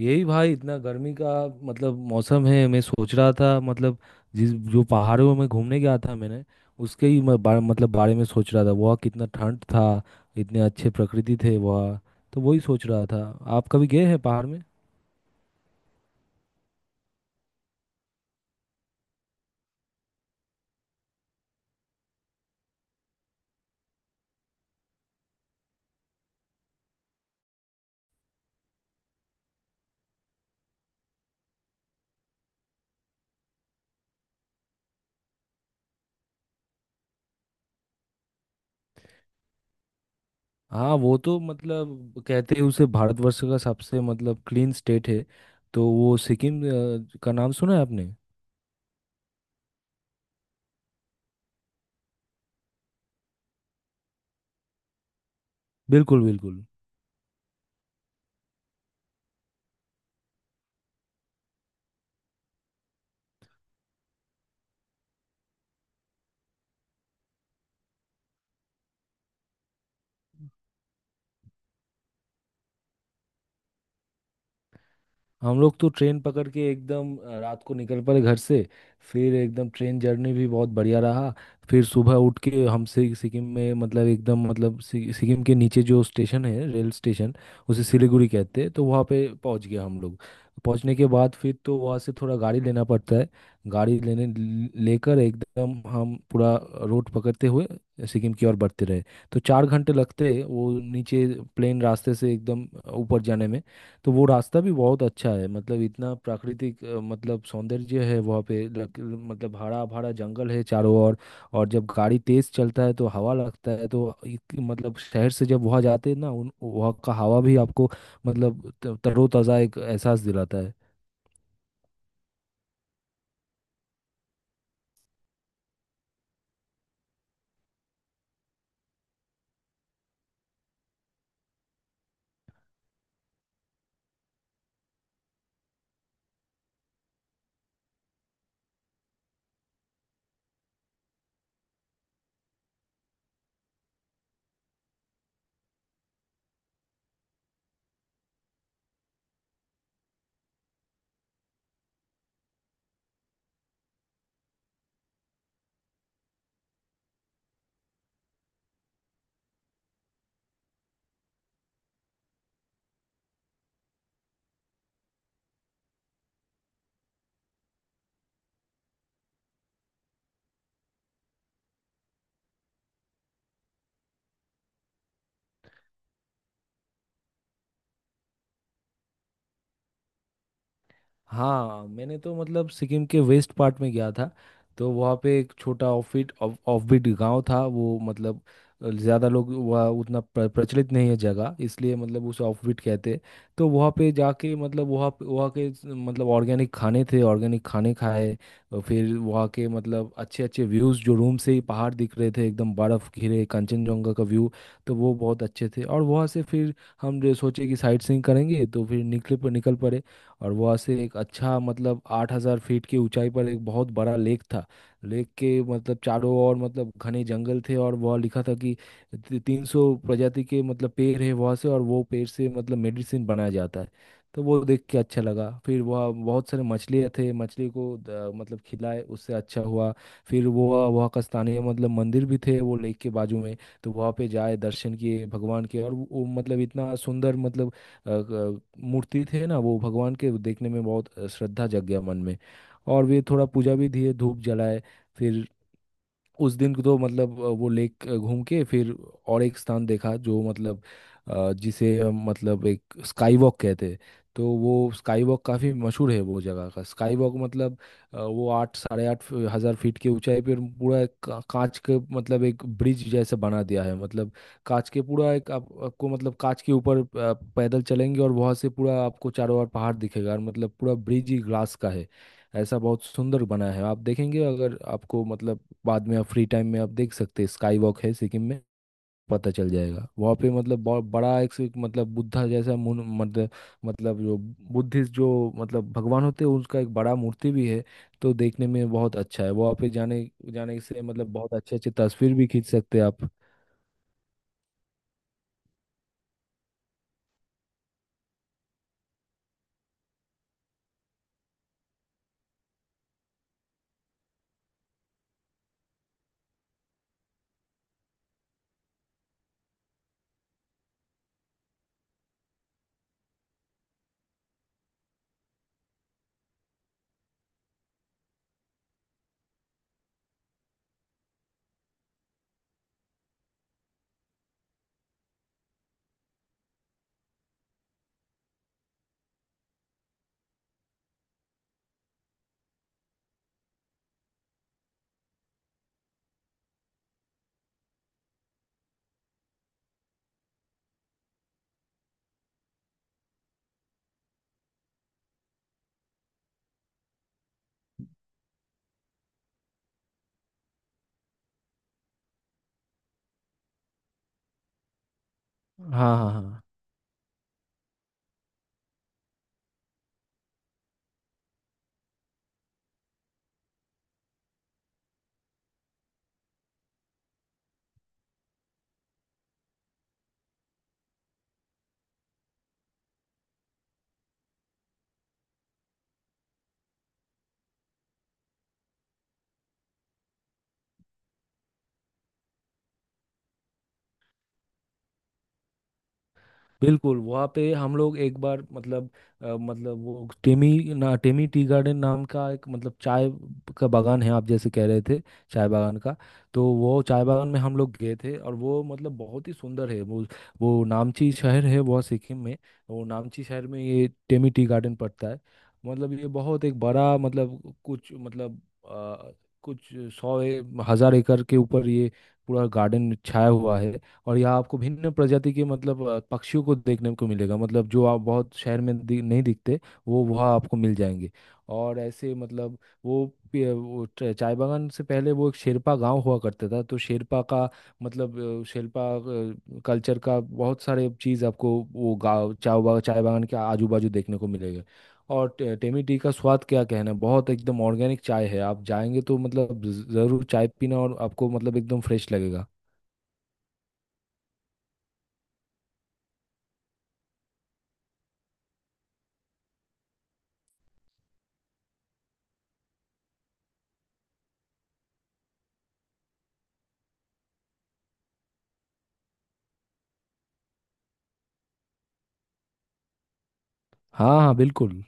यही भाई इतना गर्मी का मतलब मौसम है। मैं सोच रहा था मतलब जिस जो पहाड़ों में घूमने गया था मैंने उसके ही मैं मतलब बारे में सोच रहा था। वहाँ कितना ठंड था, इतने अच्छे प्रकृति थे वहाँ, तो वही सोच रहा था। आप कभी गए हैं पहाड़ में? हाँ, वो तो मतलब कहते हैं उसे भारतवर्ष का सबसे मतलब क्लीन स्टेट है। तो वो सिक्किम का नाम सुना है आपने? बिल्कुल बिल्कुल। हम लोग तो ट्रेन पकड़ के एकदम रात को निकल पड़े घर से। फिर एकदम ट्रेन जर्नी भी बहुत बढ़िया रहा। फिर सुबह उठ के हम सिक्किम में मतलब एकदम मतलब सिक्किम के नीचे जो स्टेशन है रेल स्टेशन उसे सिलीगुड़ी कहते हैं, तो वहाँ पे पहुँच गया हम लोग। पहुँचने के बाद फिर तो वहाँ से थोड़ा गाड़ी लेना पड़ता है। गाड़ी लेने लेकर एकदम हम पूरा रोड पकड़ते हुए सिक्किम की ओर बढ़ते रहे। तो 4 घंटे लगते हैं वो नीचे प्लेन रास्ते से एकदम ऊपर जाने में। तो वो रास्ता भी बहुत अच्छा है, मतलब इतना प्राकृतिक मतलब सौंदर्य है वहाँ पे, मतलब हरा भरा जंगल है चारों ओर। और जब गाड़ी तेज चलता है तो हवा लगता है तो मतलब शहर से जब वहाँ जाते हैं ना उन वहाँ का हवा भी आपको मतलब तरोताज़ा एक एहसास दिलाता है। हाँ, मैंने तो मतलब सिक्किम के वेस्ट पार्ट में गया था। तो वहाँ पे एक छोटा ऑफबीट ऑफबीट गांव था वो, मतलब ज़्यादा लोग वह उतना प्रचलित नहीं है जगह, इसलिए मतलब उसे ऑफबीट कहते हैं। तो वहाँ पे जाके मतलब वहाँ के मतलब ऑर्गेनिक खाने थे, ऑर्गेनिक खाने खाए। और फिर वहाँ के मतलब अच्छे अच्छे व्यूज़, जो रूम से ही पहाड़ दिख रहे थे एकदम बर्फ़ घिरे कंचनजंगा का व्यू, तो वो बहुत अच्छे थे। और वहाँ से फिर हम जो सोचे कि साइट सीइंग करेंगे तो फिर निकल पड़े। और वहाँ से एक अच्छा मतलब 8000 फीट की ऊंचाई पर एक बहुत बड़ा लेक था। लेक के मतलब चारों ओर मतलब घने जंगल थे और वहाँ लिखा था कि 300 प्रजाति के मतलब पेड़ है वहाँ से, और वो पेड़ से मतलब मेडिसिन बनाया जाता है। तो वो देख के अच्छा लगा। फिर वहाँ बहुत सारे मछलियाँ थे, मछली को मतलब खिलाए उससे अच्छा हुआ। फिर वो वहाँ का स्थानीय मतलब मंदिर भी थे वो लेक के बाजू में, तो वहाँ पे जाए दर्शन किए भगवान के। और वो मतलब इतना सुंदर मतलब अ, क- मूर्ति थे ना वो भगवान के, देखने में बहुत श्रद्धा जग गया मन में। और वे थोड़ा पूजा भी दिए, धूप जलाए। फिर उस दिन तो मतलब वो लेक घूम के फिर और एक स्थान देखा, जो मतलब जिसे मतलब एक स्काई वॉक कहते हैं। तो वो स्काई वॉक काफ़ी मशहूर है वो जगह का। स्काई वॉक मतलब वो आठ साढ़े आठ फ- हज़ार फीट की ऊंचाई पर पूरा एक कांच के मतलब एक ब्रिज जैसे बना दिया है। मतलब कांच के पूरा एक आपको मतलब कांच के ऊपर पैदल चलेंगे और वहाँ से पूरा आपको चारों ओर पहाड़ दिखेगा, और मतलब पूरा ब्रिज ही ग्लास का है। ऐसा बहुत सुंदर बना है। आप देखेंगे अगर आपको मतलब बाद में आप फ्री टाइम में, आप देख सकते हैं स्काई वॉक है सिक्किम में, पता चल जाएगा। वहाँ पे मतलब बहुत बड़ा एक मतलब बुद्धा जैसा मतलब मतलब जो बुद्धिस्ट जो मतलब भगवान होते हैं उसका एक बड़ा मूर्ति भी है। तो देखने में बहुत अच्छा है वहाँ पे जाने जाने से, मतलब बहुत अच्छे अच्छे तस्वीर भी खींच सकते हैं आप। हाँ हाँ हाँ। बिल्कुल वहाँ पे हम लोग एक बार मतलब मतलब वो टेमी टी गार्डन नाम का एक मतलब चाय का बागान है, आप जैसे कह रहे थे चाय बागान का। तो वो चाय बागान में हम लोग गए थे और वो मतलब बहुत ही सुंदर है वो। वो नामची शहर है वो सिक्किम में। वो नामची शहर में ये टेमी टी गार्डन पड़ता है। मतलब ये बहुत एक बड़ा मतलब कुछ मतलब अ, कुछ सौ हजार एकड़ के ऊपर ये पूरा गार्डन छाया हुआ है। और यहाँ आपको भिन्न प्रजाति के मतलब पक्षियों को देखने को मिलेगा, मतलब जो आप बहुत शहर में नहीं दिखते वो वहाँ आपको मिल जाएंगे। और ऐसे मतलब वो, पे- वो च- चाय बागान से पहले वो एक शेरपा गांव हुआ करता था, तो शेरपा का मतलब शेरपा कल्चर का बहुत सारे चीज़ आपको वो गाँव चाय बागान के आजू बाजू देखने को मिलेगा। और टेमी टी का स्वाद क्या कहना, बहुत एकदम ऑर्गेनिक चाय है। आप जाएंगे तो मतलब ज़रूर चाय पीना और आपको मतलब एकदम फ्रेश लगेगा। हाँ हाँ बिल्कुल।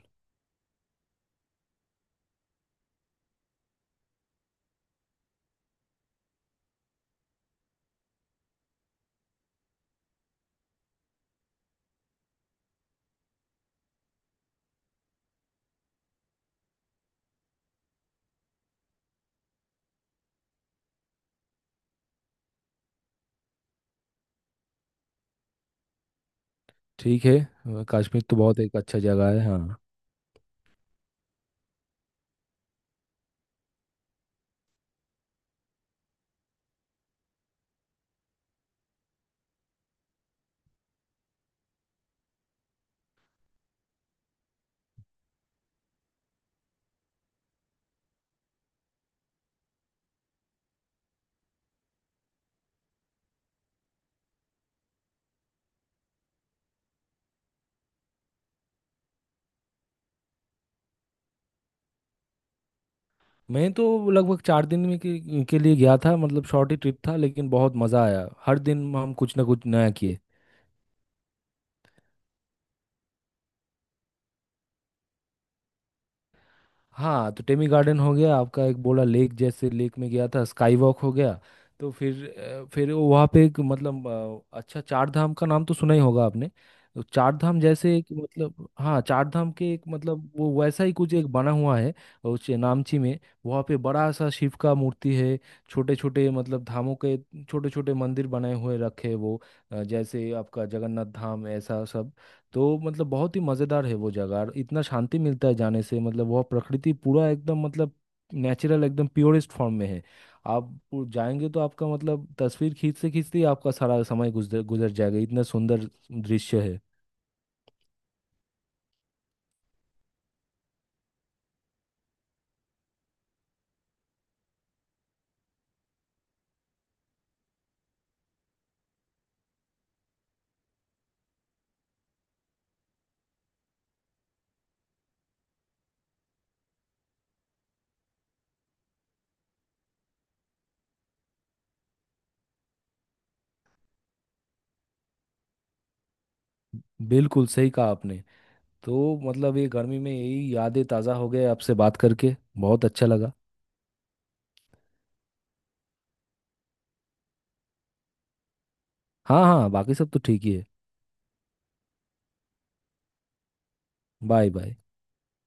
ठीक है, कश्मीर तो बहुत एक अच्छा जगह है हाँ। मैं तो लगभग 4 दिन में के लिए गया था, मतलब शॉर्ट ही ट्रिप था लेकिन बहुत मज़ा आया, हर दिन हम कुछ ना कुछ नया किए। हाँ, तो टेमी गार्डन हो गया आपका, एक बोला लेक जैसे लेक में गया था, स्काई वॉक हो गया। तो फिर फिर वो वहाँ पे एक मतलब अच्छा, चार धाम का नाम तो सुना ही होगा आपने। तो चार धाम जैसे एक मतलब, हाँ, चार धाम के एक मतलब वो वैसा ही कुछ एक बना हुआ है उस नामची में। वहाँ पे बड़ा सा शिव का मूर्ति है। छोटे छोटे मतलब धामों के छोटे छोटे मंदिर बनाए हुए रखे हैं वो जैसे आपका जगन्नाथ धाम, ऐसा सब। तो मतलब बहुत ही मज़ेदार है वो जगह और इतना शांति मिलता है जाने से, मतलब वह प्रकृति पूरा एकदम मतलब नेचुरल एकदम प्योरेस्ट फॉर्म में है। आप जाएंगे तो आपका मतलब तस्वीर खींचते खींचते ही आपका सारा समय गुजर गुजर जाएगा, इतना सुंदर दृश्य है। बिल्कुल सही कहा आपने। तो मतलब ये गर्मी में यही यादें ताज़ा हो गए आपसे बात करके, बहुत अच्छा लगा। हाँ हाँ, बाकी सब तो ठीक ही है। Bye bye.